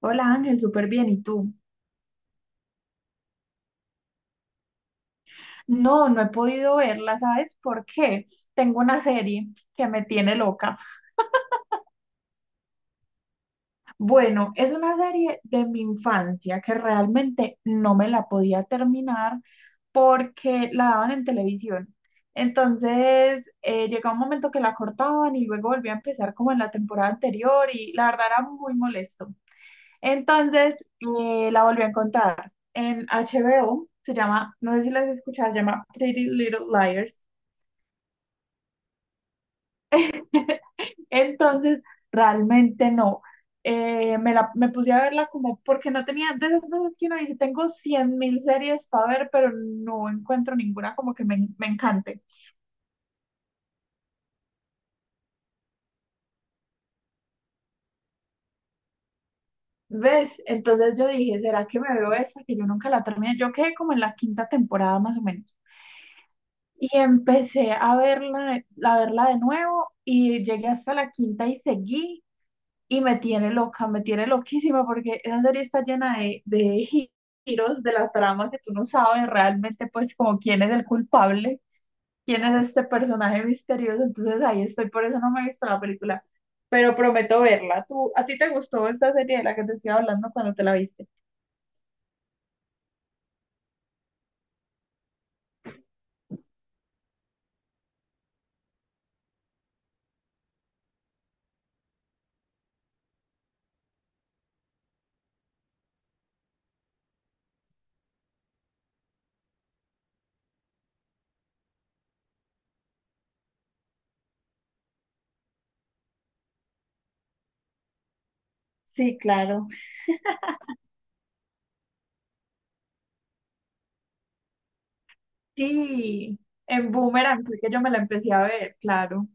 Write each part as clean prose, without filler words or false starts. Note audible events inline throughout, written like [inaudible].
Hola Ángel, súper bien. ¿Y tú? No, no he podido verla, ¿sabes por qué? Tengo una serie que me tiene loca. Bueno, es una serie de mi infancia que realmente no me la podía terminar porque la daban en televisión. Entonces, llegaba un momento que la cortaban y luego volvía a empezar como en la temporada anterior y la verdad era muy molesto. Entonces la volví a encontrar en HBO, se llama, no sé si las has escuchado, se llama Pretty Little Liars. Entonces realmente no. Me puse a verla como porque no tenía, de esas veces que uno dice, tengo 100 mil series para ver, pero no encuentro ninguna como que me encante. ¿Ves? Entonces yo dije, ¿será que me veo esa? Que yo nunca la terminé. Yo quedé como en la quinta temporada más o menos. Y empecé a verla de nuevo y llegué hasta la quinta y seguí y me tiene loca, me tiene loquísima porque esa serie está llena de giros de la trama que tú no sabes realmente pues como quién es el culpable, quién es este personaje misterioso. Entonces ahí estoy, por eso no me he visto la película, pero prometo verla. ¿Tú, a ti te gustó esta serie de la que te estoy hablando cuando te la viste? Sí, claro. Sí, en Boomerang fue que yo me la empecé a ver, claro.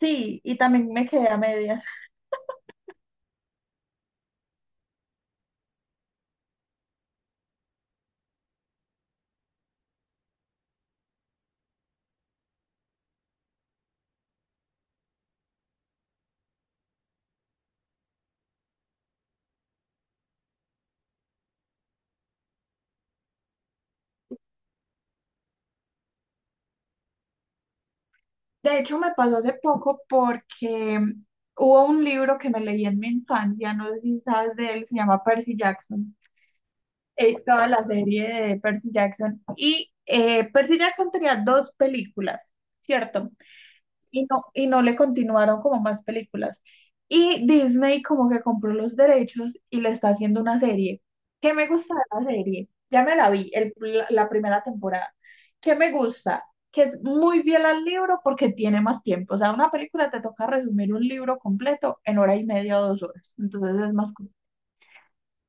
Sí, y también me quedé a medias. De hecho, me pasó hace poco porque hubo un libro que me leí en mi infancia, no sé si sabes de él, se llama Percy Jackson. Toda la serie de Percy Jackson. Y Percy Jackson tenía dos películas, ¿cierto? Y no le continuaron como más películas. Y Disney como que compró los derechos y le está haciendo una serie. ¿Qué me gusta de la serie? Ya me la vi, la primera temporada. ¿Qué me gusta? Que es muy fiel al libro porque tiene más tiempo. O sea, una película te toca resumir un libro completo en hora y media o 2 horas. Entonces es más corto.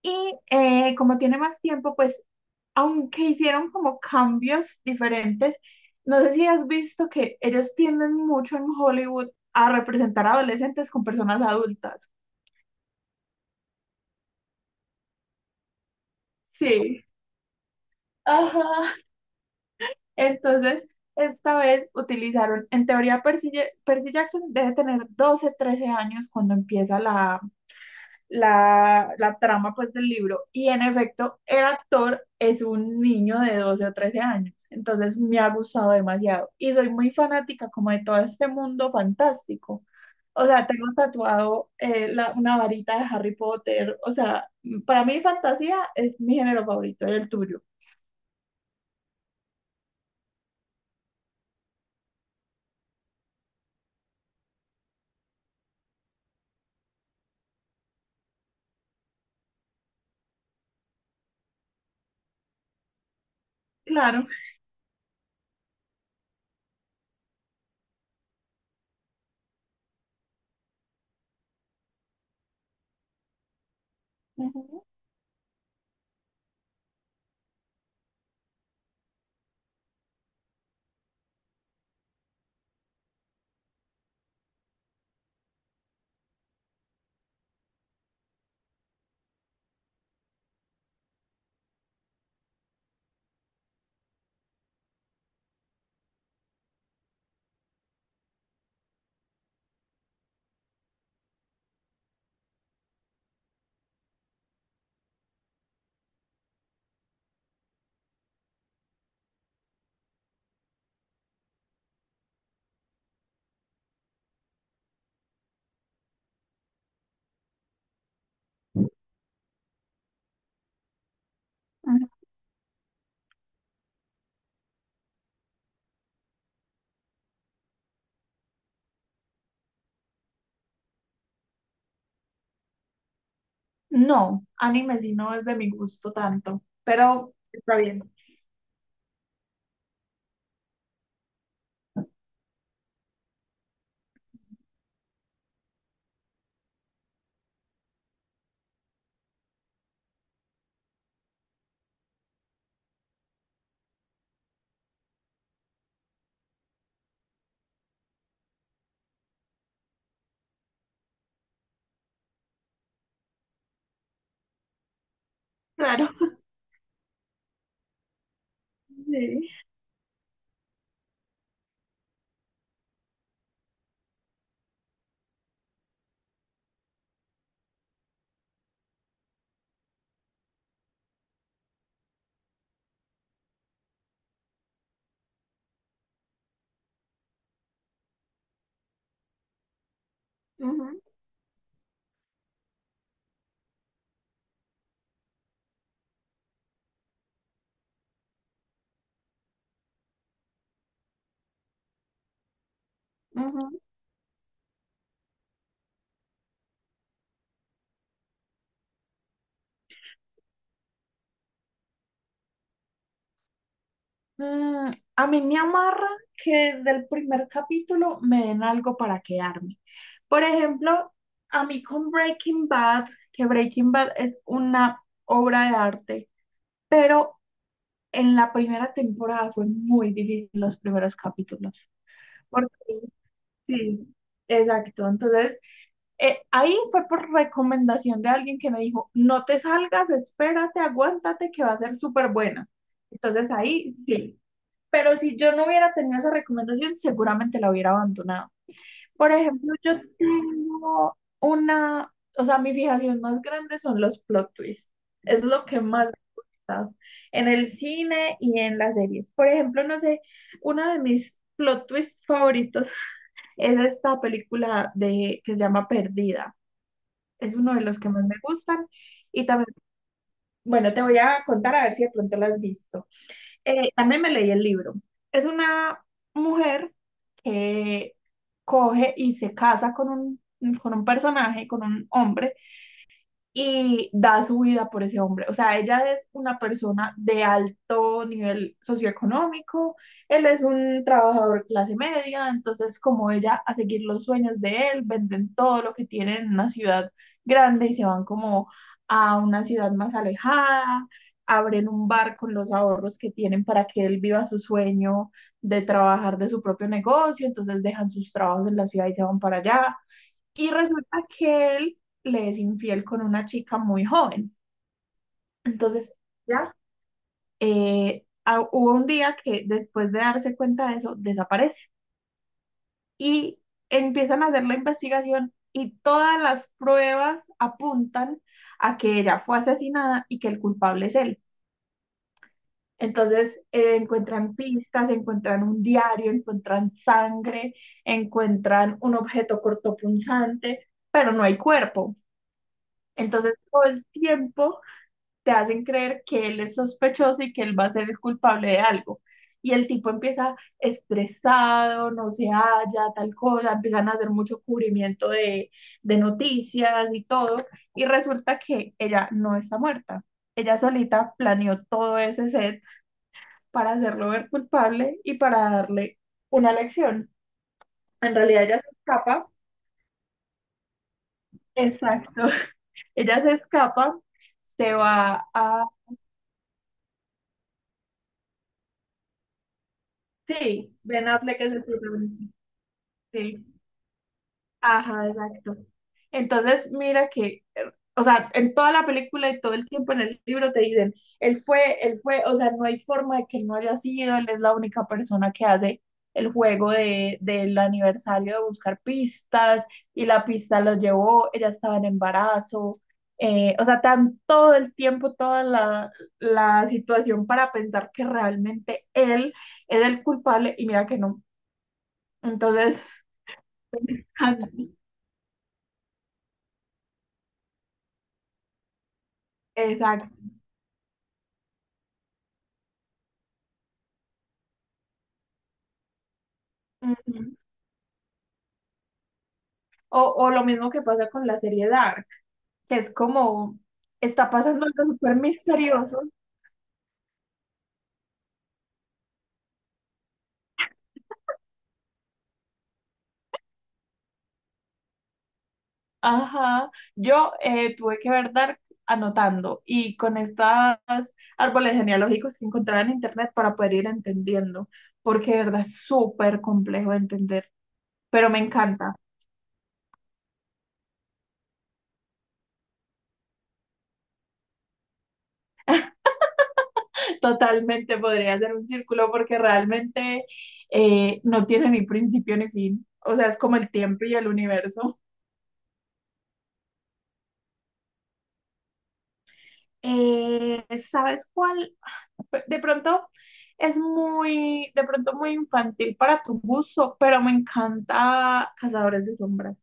Y como tiene más tiempo, pues aunque hicieron como cambios diferentes, no sé si has visto que ellos tienden mucho en Hollywood a representar adolescentes con personas adultas. Sí, ajá. Entonces, esta vez utilizaron, en teoría, Percy Jackson debe tener 12, 13 años cuando empieza la trama pues del libro y en efecto el actor es un niño de 12 o 13 años, entonces me ha gustado demasiado y soy muy fanática como de todo este mundo fantástico. O sea, tengo tatuado una varita de Harry Potter. O sea, para mí fantasía es mi género favorito, el tuyo. Claro. Ujú, ujú. No, anime sí no es de mi gusto tanto, pero está bien. Claro. Sí. Ujú, ujú. Mm, a mí me amarra que desde el primer capítulo me den algo para quedarme. Por ejemplo, a mí con Breaking Bad, que Breaking Bad es una obra de arte, pero en la primera temporada fue muy difícil los primeros capítulos. Porque sí, exacto. Entonces, ahí fue por recomendación de alguien que me dijo, no te salgas, espérate, aguántate, que va a ser súper buena. Entonces ahí sí pero si yo no hubiera tenido esa recomendación, seguramente la hubiera abandonado. Por ejemplo, yo tengo una, o sea, mi fijación más grande son los plot twists. Es lo que más me gusta en el cine y en las series. Por ejemplo, no sé, uno de mis plot twists favoritos es esta película de, que se llama Perdida. Es uno de los que más me gustan. Y también, bueno, te voy a contar a ver si de pronto la has visto. También me leí el libro. Es una mujer que coge y se casa con un personaje, con un hombre y da su vida por ese hombre. O sea, ella es una persona de alto nivel socioeconómico, él es un trabajador clase media, entonces como ella a seguir los sueños de él, venden todo lo que tienen en una ciudad grande y se van como a una ciudad más alejada, abren un bar con los ahorros que tienen para que él viva su sueño de trabajar de su propio negocio, entonces dejan sus trabajos en la ciudad y se van para allá. Y resulta que él le es infiel con una chica muy joven. Entonces, ya hubo un día que después de darse cuenta de eso, desaparece. Y empiezan a hacer la investigación y todas las pruebas apuntan a que ella fue asesinada y que el culpable es él. Entonces, encuentran pistas, encuentran un diario, encuentran sangre, encuentran un objeto cortopunzante, pero no hay cuerpo. Entonces, todo el tiempo te hacen creer que él es sospechoso y que él va a ser el culpable de algo. Y el tipo empieza estresado, no se halla, tal cosa, empiezan a hacer mucho cubrimiento de noticias y todo. Y resulta que ella no está muerta. Ella solita planeó todo ese set para hacerlo ver culpable y para darle una lección. En realidad ella se escapa. Exacto. [laughs] Ella se escapa, se va a... Sí, Ben Affleck es el protagonista. Sí. Ajá, exacto. Entonces, mira que, o sea, en toda la película y todo el tiempo en el libro te dicen, él fue, o sea, no hay forma de que él no haya sido, él es la única persona que hace el juego de, del aniversario de buscar pistas y la pista lo llevó, ella estaba en embarazo, o sea, tan todo el tiempo, toda la, la situación para pensar que realmente él es el culpable y mira que no. Entonces, [laughs] exacto. O lo mismo que pasa con la serie Dark, que es como, está pasando algo súper misterioso. Ajá, yo tuve que ver Dark anotando y con estos árboles genealógicos que encontraba en internet para poder ir entendiendo, porque de verdad es súper complejo de entender, pero me encanta. Totalmente podría hacer un círculo porque realmente no tiene ni principio ni fin. O sea, es como el tiempo y el universo. Eh, ¿Sabes cuál? De pronto es muy, de pronto muy infantil para tu gusto, pero me encanta Cazadores de Sombras.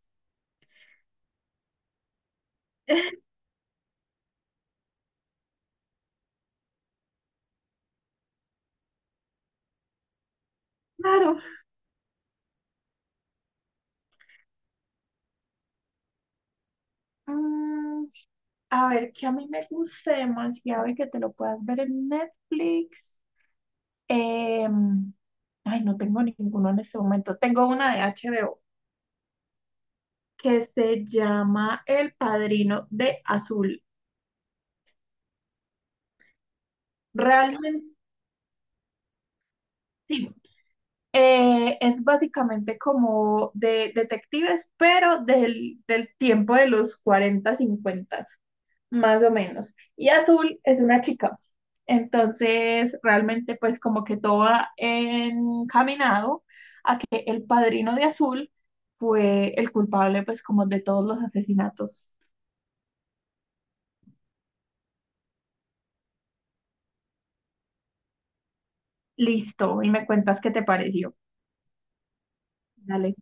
[laughs] Claro. Mm, a ver, que a mí me guste demasiado y que te lo puedas ver en Netflix. Em, ay, no tengo ninguno en este momento. Tengo una de HBO que se llama El Padrino de Azul. Realmente, sí, eh, es básicamente como de detectives, pero del tiempo de los 40 50, más o menos. Y Azul es una chica. Entonces, realmente, pues como que todo ha encaminado a que el padrino de Azul fue el culpable, pues como de todos los asesinatos. Listo, y me cuentas qué te pareció. Dale.